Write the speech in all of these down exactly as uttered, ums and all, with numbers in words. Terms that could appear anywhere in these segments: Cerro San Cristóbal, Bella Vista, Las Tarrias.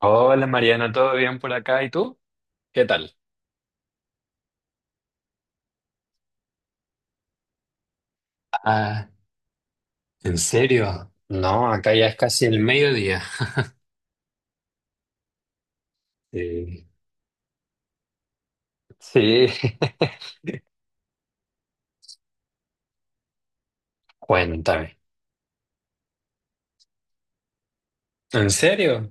Hola Mariana, ¿todo bien por acá? ¿Y tú? ¿Qué tal? Ah, ¿en serio? No, acá ya es casi el mediodía. Eh, Sí. Cuéntame. ¿En serio?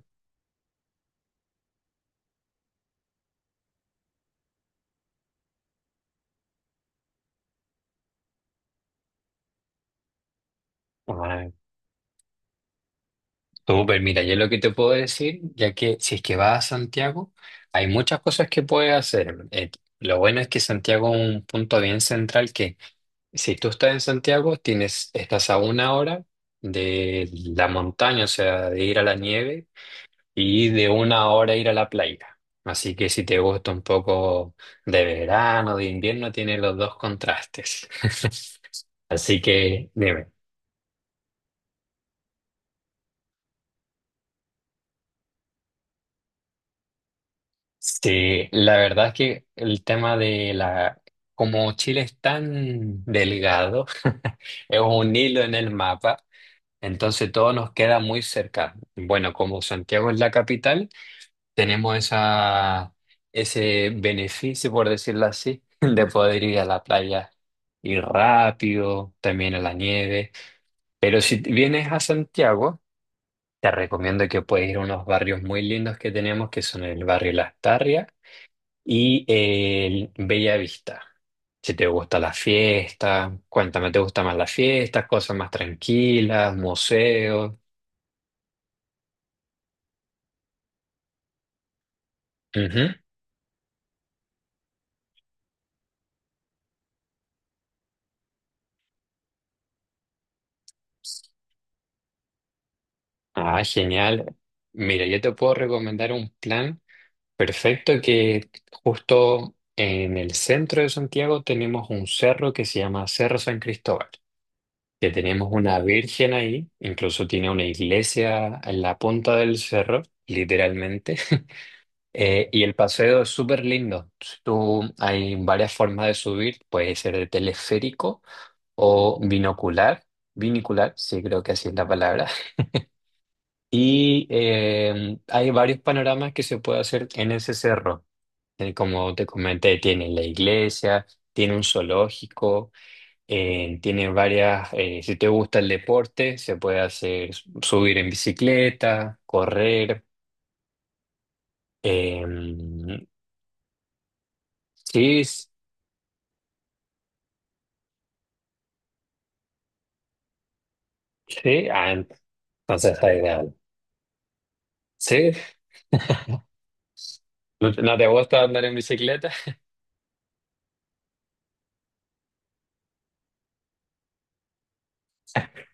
Ah, Súper, mira, yo lo que te puedo decir, ya que si es que vas a Santiago, hay muchas cosas que puedes hacer. Eh, lo bueno es que Santiago es un punto bien central que si tú estás en Santiago, tienes, estás a una hora de la montaña, o sea, de ir a la nieve y de una hora ir a la playa. Así que si te gusta un poco de verano, de invierno, tiene los dos contrastes. Así que dime. Sí, la verdad es que el tema de la... Como Chile es tan delgado, es un hilo en el mapa, entonces todo nos queda muy cerca. Bueno, como Santiago es la capital, tenemos esa, ese beneficio, por decirlo así, de poder ir a la playa y rápido, también a la nieve. Pero si vienes a Santiago, te recomiendo que puedes ir a unos barrios muy lindos que tenemos, que son el barrio Las Tarrias y el Bella Vista. Si te gusta la fiesta, cuéntame, ¿te gusta más las fiestas, cosas más tranquilas, museos? Ujú. Ah, genial. Mira, yo te puedo recomendar un plan perfecto, que justo en el centro de Santiago tenemos un cerro que se llama Cerro San Cristóbal, que tenemos una virgen ahí, incluso tiene una iglesia en la punta del cerro, literalmente. Eh, y el paseo es súper lindo. Si Tú, hay varias formas de subir, puede ser de teleférico o binocular. Binicular, sí, creo que así es la palabra. Y eh, hay varios panoramas que se puede hacer en ese cerro eh, como te comenté, tiene la iglesia, tiene un zoológico, eh, tiene varias, eh, si te gusta el deporte, se puede hacer s- subir en bicicleta, correr. eh, sí, s- sí, ah, entonces está ideal. ¿Sí? ¿No te no te gusta andar en bicicleta?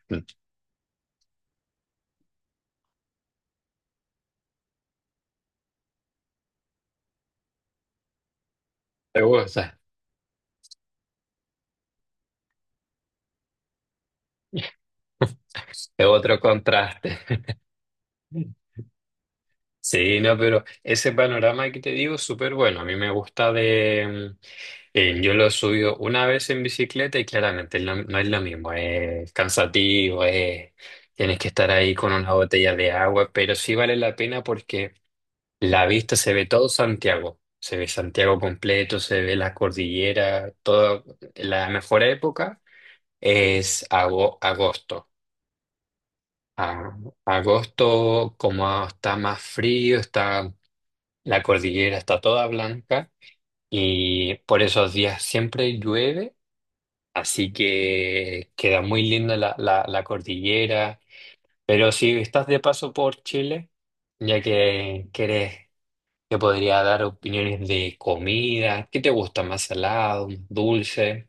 ¿Te gusta? Es otro contraste. Sí, no, pero ese panorama que te digo es súper bueno. A mí me gusta de, em, Eh, yo lo he subido una vez en bicicleta y claramente no, no es lo mismo, es cansativo, es- tienes que estar ahí con una botella de agua, pero sí vale la pena porque la vista se ve todo Santiago, se ve Santiago completo, se ve las cordilleras, toda la mejor época es ago- agosto. A- Agosto, como está más frío, está, la cordillera está toda blanca y por esos días siempre llueve. Así que queda muy linda la, la- la cordillera. Pero si estás de paso por Chile, ya que querés, te podría dar opiniones de comida. ¿Qué te gusta? ¿Más salado? ¿Más dulce?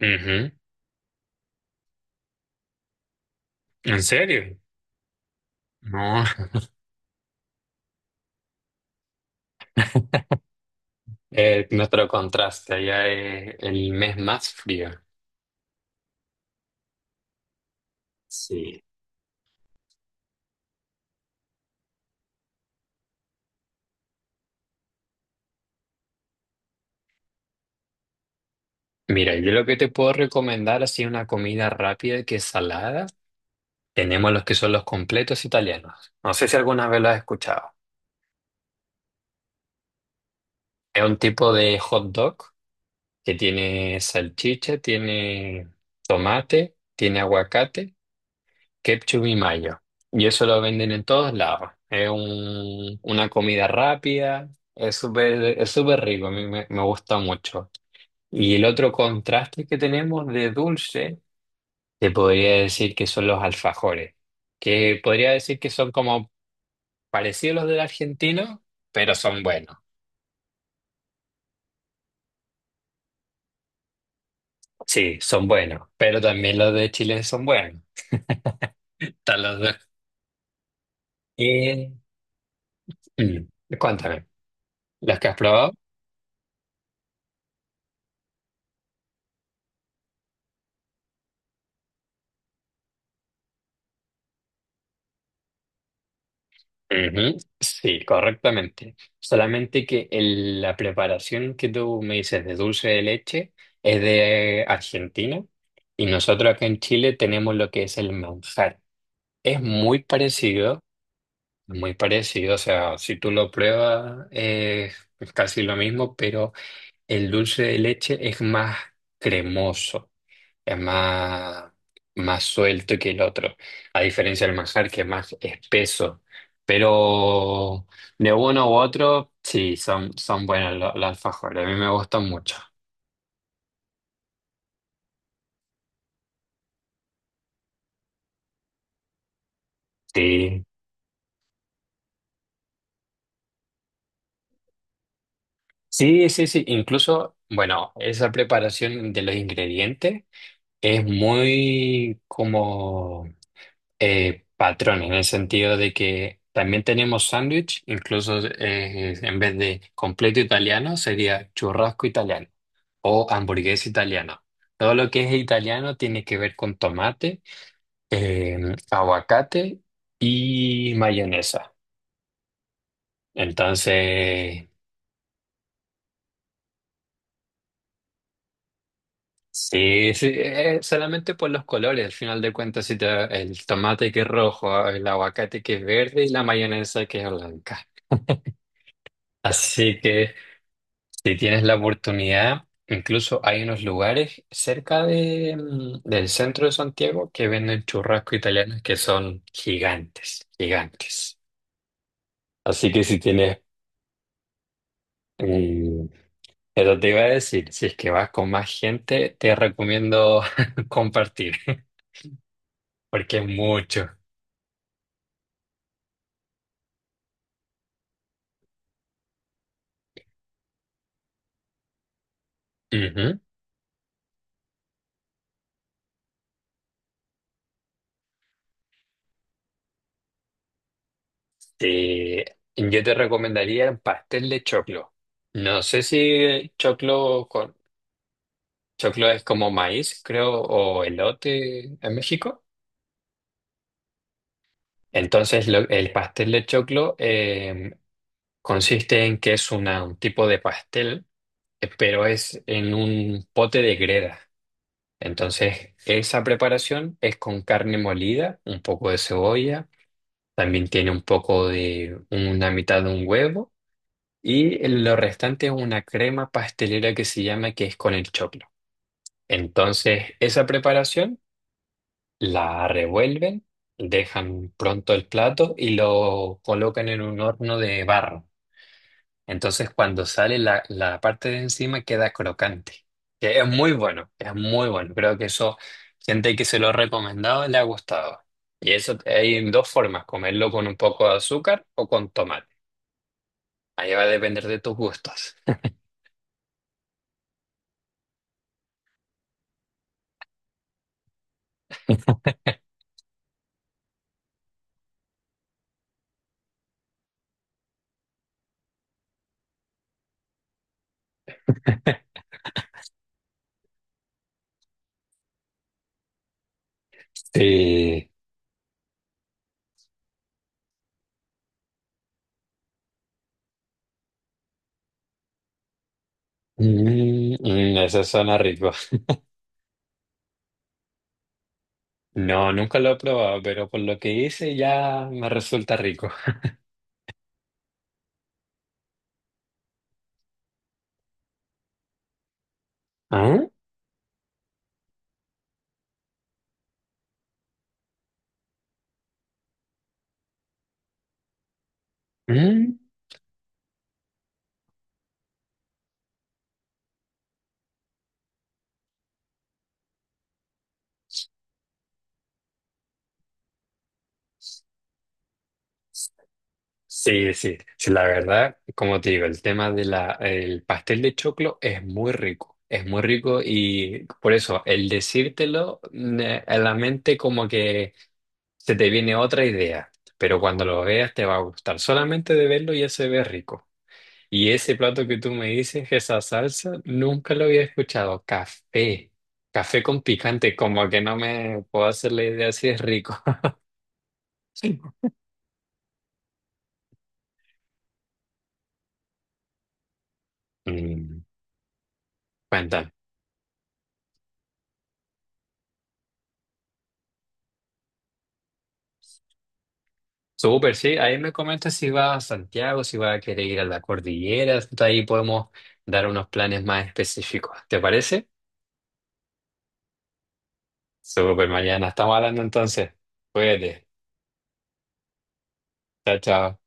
Ujú. ¿En serio? No. El- nuestro contraste allá es el mes más frío. Sí. Mira, yo lo que te puedo recomendar así una comida rápida que es salada. Tenemos los que son los completos italianos. No sé si alguna vez lo has escuchado. Es un tipo de hot dog que tiene salchicha, tiene tomate, tiene aguacate, ketchup y mayo. Y eso lo venden en todos lados. Es un- una comida rápida, es súper, es súper rico, a mí me, me gusta mucho. Y el otro contraste que tenemos de dulce, te podría decir que son los alfajores, que podría decir que son como parecidos a los del argentino, pero son buenos. Sí, son buenos, pero también los de Chile son buenos. Taladrar. Eh, mm, cuéntame, ¿las que has probado? Ujú, sí, correctamente. Solamente que el- la preparación que tú me dices de dulce de leche es de Argentina y nosotros acá en Chile tenemos lo que es el manjar. Es muy parecido, muy parecido, o sea, si tú lo pruebas eh, es casi lo mismo, pero el dulce de leche es más cremoso. Es más, más suelto que el otro, a diferencia del manjar que es más espeso. Pero de uno u otro, sí, son, son buenos lo- los alfajores, a mí me gustan mucho. Sí, sí, sí, sí, incluso, bueno, esa preparación de los ingredientes es muy como... eh, patrón, en el sentido de que también tenemos sándwich, incluso eh, en vez de completo italiano sería churrasco italiano o hamburguesa italiana. Todo lo que es italiano tiene que ver con tomate, eh, aguacate y mayonesa. Entonces, sí, sí, eh, solamente por los colores, al final de cuentas, si te- el tomate que es rojo, el aguacate que es verde y la mayonesa que es blanca. Así que si tienes la oportunidad, incluso hay unos lugares cerca de, mm, del centro de Santiago que venden churrasco italianos que son gigantes, gigantes. Así que si tienes, mm, pero te iba a decir, si es que vas con más gente, te recomiendo compartir, porque es mucho. Ujú. Te- yo te recomendaría el pastel de choclo. No sé si choclo con... Choclo es como maíz, creo, o elote en México. Entonces, lo- el pastel de choclo eh, consiste en que es una- un tipo de pastel, eh, pero es en un pote de greda. Entonces, esa preparación es con carne molida, un poco de cebolla, también tiene un poco de una mitad de un huevo y lo restante es una crema pastelera que se llama que es con el choclo. Entonces, esa preparación la revuelven, dejan pronto el plato y lo colocan en un horno de barro. Entonces cuando sale la, la parte de encima queda crocante. Que es muy bueno, es muy bueno. Creo que eso, gente que se lo ha recomendado le ha gustado. Y eso hay dos formas, comerlo con un poco de azúcar o con tomate. Ahí va a depender de tus gustos. Sí. Mm, mm, eso suena rico. No, nunca lo he probado, pero por lo que hice ya me resulta rico. Ah. Mm. Sí, sí, sí, la verdad, como te digo, el tema de la, el pastel de choclo es muy rico, es muy rico y por eso el decírtelo mm, eh, a la mente como que se te viene otra idea, pero cuando lo veas te va a gustar, solamente de verlo ya se ve rico. Y ese plato que tú me dices, esa salsa, nunca lo había escuchado, café, café con picante, como que no me puedo hacer la idea si es rico. Mm. Cuéntame. Súper, sí. Ahí me comentas si vas a Santiago, si vas a querer ir a la cordillera. Entonces ahí podemos dar unos planes más específicos. ¿Te parece? Súper, Mariana. Estamos hablando entonces. Cuídate. Chao, chao.